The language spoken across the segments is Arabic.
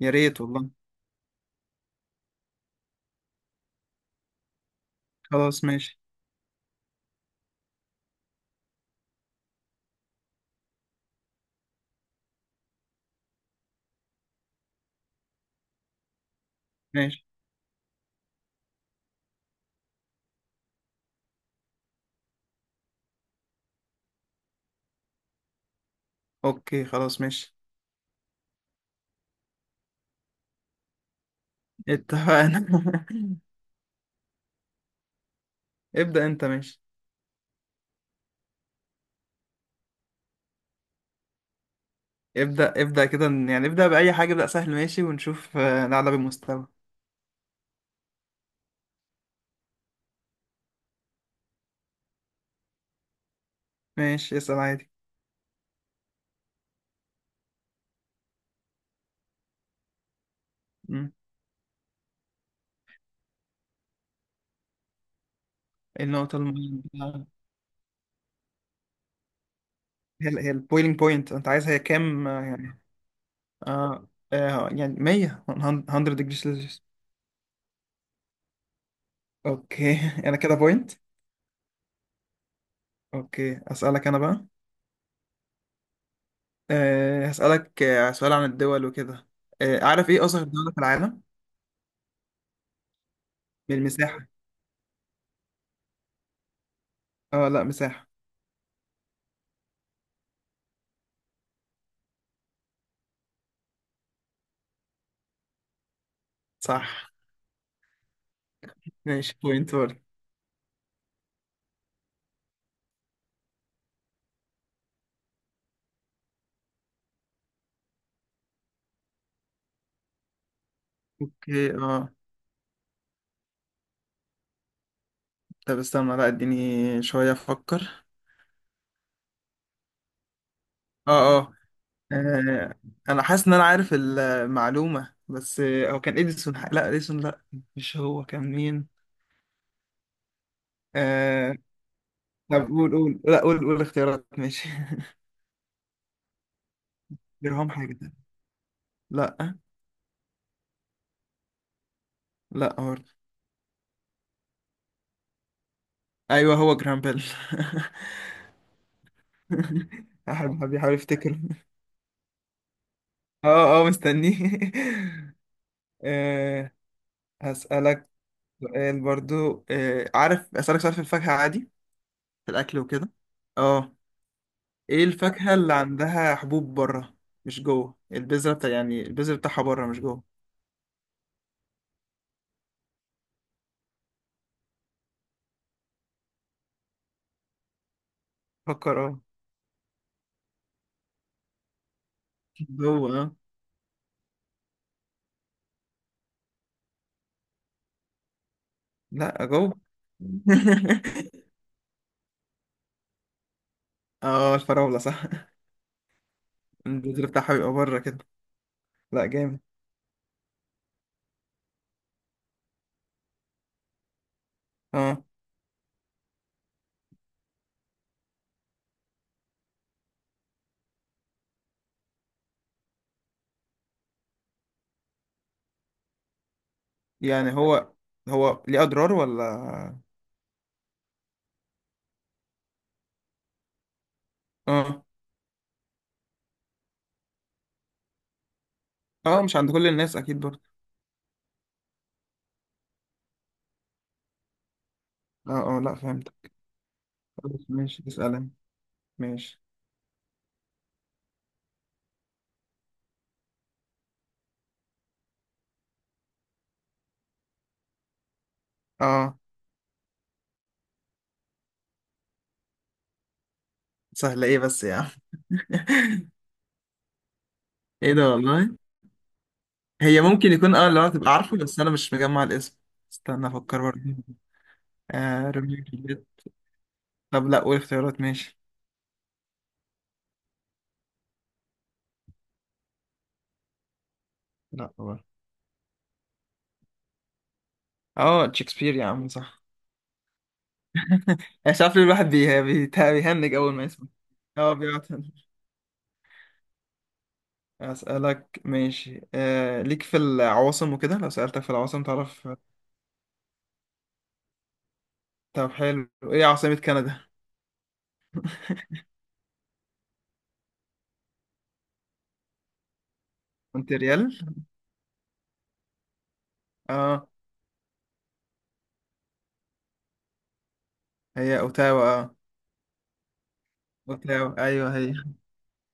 يا ريت والله. خلاص ماشي. ماشي. اوكي خلاص ماشي. اتفقنا. ابدأ انت ماشي. ابدأ ابدأ كده يعني ابدأ بأي حاجة، ابدأ سهل ماشي ونشوف نعلى بالمستوى. ماشي اسأل عادي. مم. ايه النقطة المهمة؟ هي البويلينج بوينت انت عايزها، هي كام يعني؟ اه, يعني 100 ديجري سيلسيوس. اوكي انا كده بوينت. اوكي اسألك انا بقى. هسألك سؤال عن الدول وكده. أه عارف ايه أصغر دولة في العالم؟ بالمساحة. اه لا مساحة. صح. ماشي بوينت برضه. اوكي اه. طب استنى، لا اديني شوية افكر. اه اه آه، انا حاسس ان انا عارف المعلومة، بس هو كان اديسون. لا اديسون لا. مش هو، كان مين؟ آه طب قول قول لا قول قول اختيارات ماشي. جرهام حاجة تانية. لا. لا برضه. ايوه هو جرام بيل. احب بيحاول يفتكر. اه اه مستنيه. آه، هسألك سؤال برضو. عارف أسألك سؤال في الفاكهة عادي؟ في الأكل وكده. اه. ايه الفاكهة اللي عندها حبوب بره مش جوه البذرة؟ بتاع يعني البذرة بتاعها بره مش جوه. فكر اه. جوه اه. لا جوه. اه الفراولة صح. البذرة بتاعها بيبقى بره كده. لا جامد. اه يعني هو هو ليه أضرار ولا؟ اه اه مش عند كل الناس أكيد برضه. اه اه لا فهمت. خلاص ماشي اسأل أنا. ماشي اه. سهلة ايه بس يا عم؟ ايه ده والله؟ هي ممكن يكون اه اللي هو تبقى عارفه بس انا مش مجمع الاسم. استنى افكر برضه. آه روميو وجولييت. طب لا قول اختيارات ماشي. لا برضه. اه شكسبير يا عم صح. مش عارف ليه الواحد بيهنج اول ما يسمع. اه بيقعد. اسالك ماشي آه ليك في العواصم وكده، لو سالتك في العواصم تعرف؟ طب حلو، ايه عاصمة كندا؟ مونتريال. اه هي اوتاوا اه. اوتاوا ايوه هي.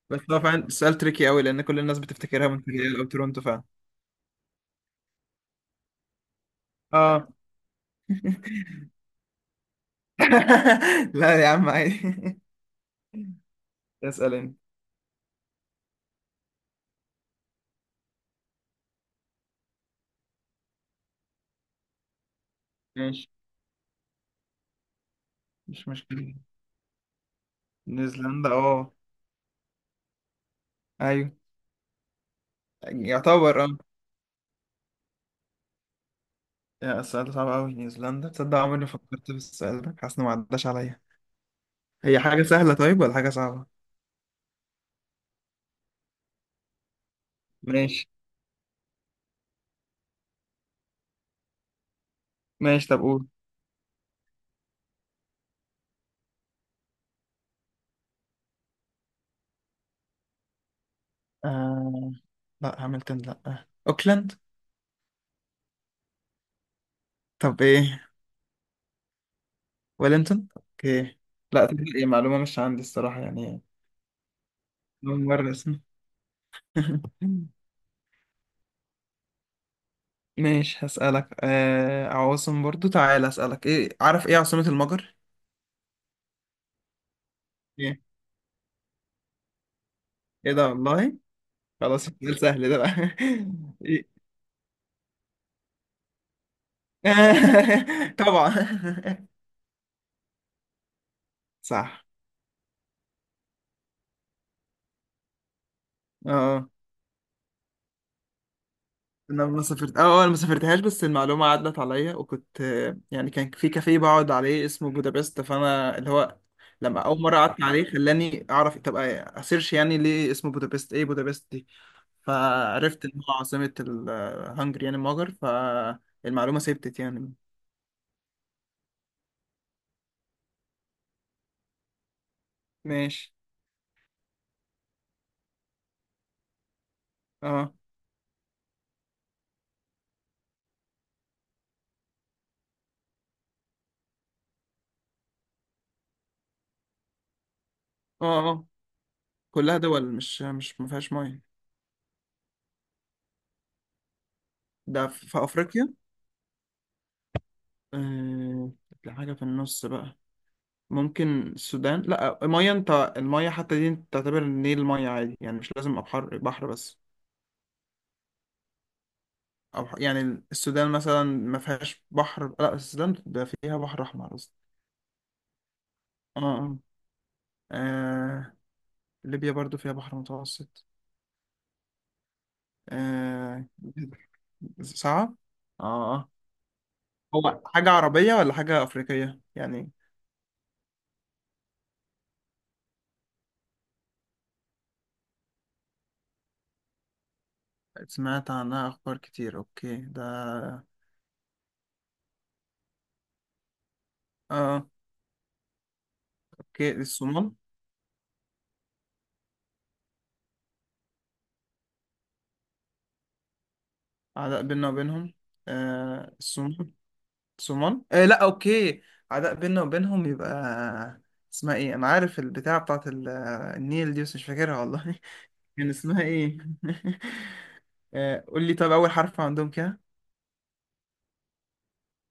بس هو فعلا سؤال تريكي قوي لان كل الناس بتفتكرها مونتريال او تورونتو فعلا. اه. لا يا عم عادي. اسأل انت. ماشي. مش مشكلة. نيوزيلندا اه. ايوه. يعتبر اه. يا السؤال ده صعب قوي. نيوزيلندا، تصدق عمري ما فكرت في السؤال ده، حاسس انه ما عداش عليا. هي حاجة سهلة طيب ولا حاجة صعبة؟ ماشي. ماشي طب قول. آه... لا هامilton. لا اوكلاند. طب ايه؟ ويلينتون اوكي. لا تبقى ايه معلومة مش عندي الصراحة يعني. أول مرة اسمع. ماشي هسألك آه عواصم برضو، تعالى أسألك. إيه عارف إيه عاصمة المجر؟ إيه. إيه ده والله. خلاص السؤال سهل ده بقى. إيه؟ طبعا. صح اه. انا ما سافرت اه انا ما سافرتهاش، بس المعلومه عدت عليا وكنت يعني كان في كافيه بقعد عليه اسمه بودابست فانا اللي هو لما اول مره قعدت عليه خلاني اعرف، طب اسيرش يعني ليه اسمه بودابست، ايه بودابست دي. فعرفت ان هو عاصمة الهنجري يعني المجر، فالمعلومة ثبتت يعني. ماشي. اه اه اه كلها دول مش مش ما فيهاش ميه. ده في في افريقيا؟ آه حاجة في النص بقى. ممكن السودان. لا ميه انت، الميه حتى دي انت تعتبر النيل ميه عادي يعني، مش لازم ابحر بحر بس. يعني السودان مثلا ما فيهاش بحر. لا السودان ده فيها بحر احمر اصلا. اه اه آه، ليبيا برضو فيها بحر متوسط. آه صعب. اه اه. هو حاجة عربية ولا حاجة أفريقية يعني؟ سمعت عنها أخبار كتير. أوكي ده آه. أوكي الصومال. عداء بيننا وبينهم. آه الصومال. الصومال آه. لا أوكي. عداء بيننا وبينهم يبقى. اسمها إيه؟ أنا عارف البتاعة النيل دي، بس مش فاكرها والله. كان اسمها إيه؟ آه قول لي طب، أول حرف عندهم كده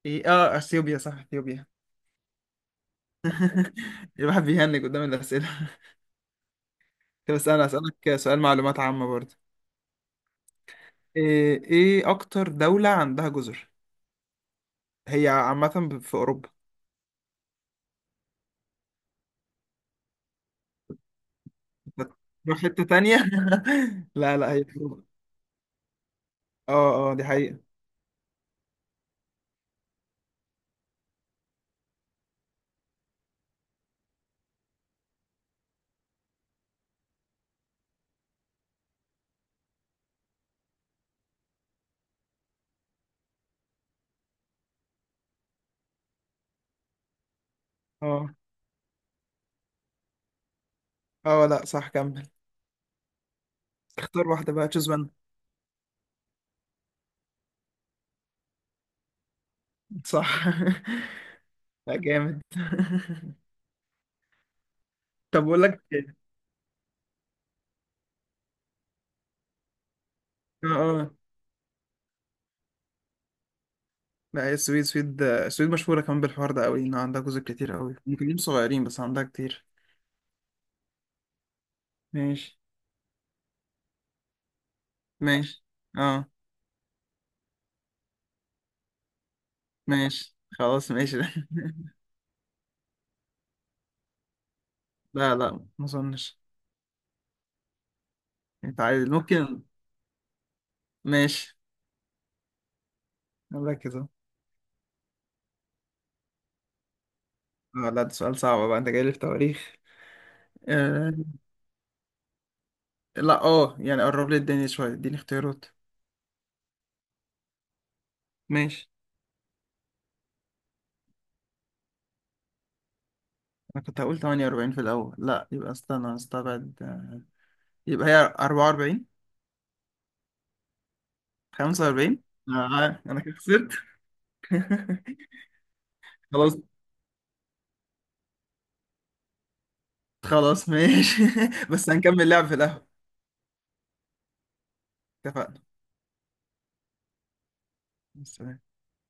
إيه؟ آه أثيوبيا صح أثيوبيا. الواحد بيهنج قدام الأسئلة. بس انا اسالك سؤال معلومات عامه برضه. ايه إيه اكتر دوله عندها جزر؟ هي عامه في اوروبا. تروح حته تانية. لا لا هي في اوروبا. اه اه دي حقيقه. اه اه لا صح كمل. اختار واحده بقى، تشوز وان. صح. لا جامد. طب بقول لك إيه؟ اه اه لا هي السويد. السويد، السويد مشهوره كمان بالحوار ده قوي، ان عندها جزر كتير قوي، ممكن يكونوا صغيرين بس عندها كتير. ماشي. ماشي اه. ماشي خلاص ماشي. لا لا ما اظنش. انت عايز، ممكن. ماشي. ركز اهو. لا ده سؤال صعب بقى، انت جاي لي في تواريخ. آه. لا اه يعني قرب لي الدنيا شويه، اديني اختيارات. ماشي. انا كنت هقول 48 في الاول. لا يبقى استنى استبعد يبقى هي 44. 45 آه انا كده خسرت. خلاص. خلاص ماشي. بس هنكمل لعب في القهوة. اتفقنا. بس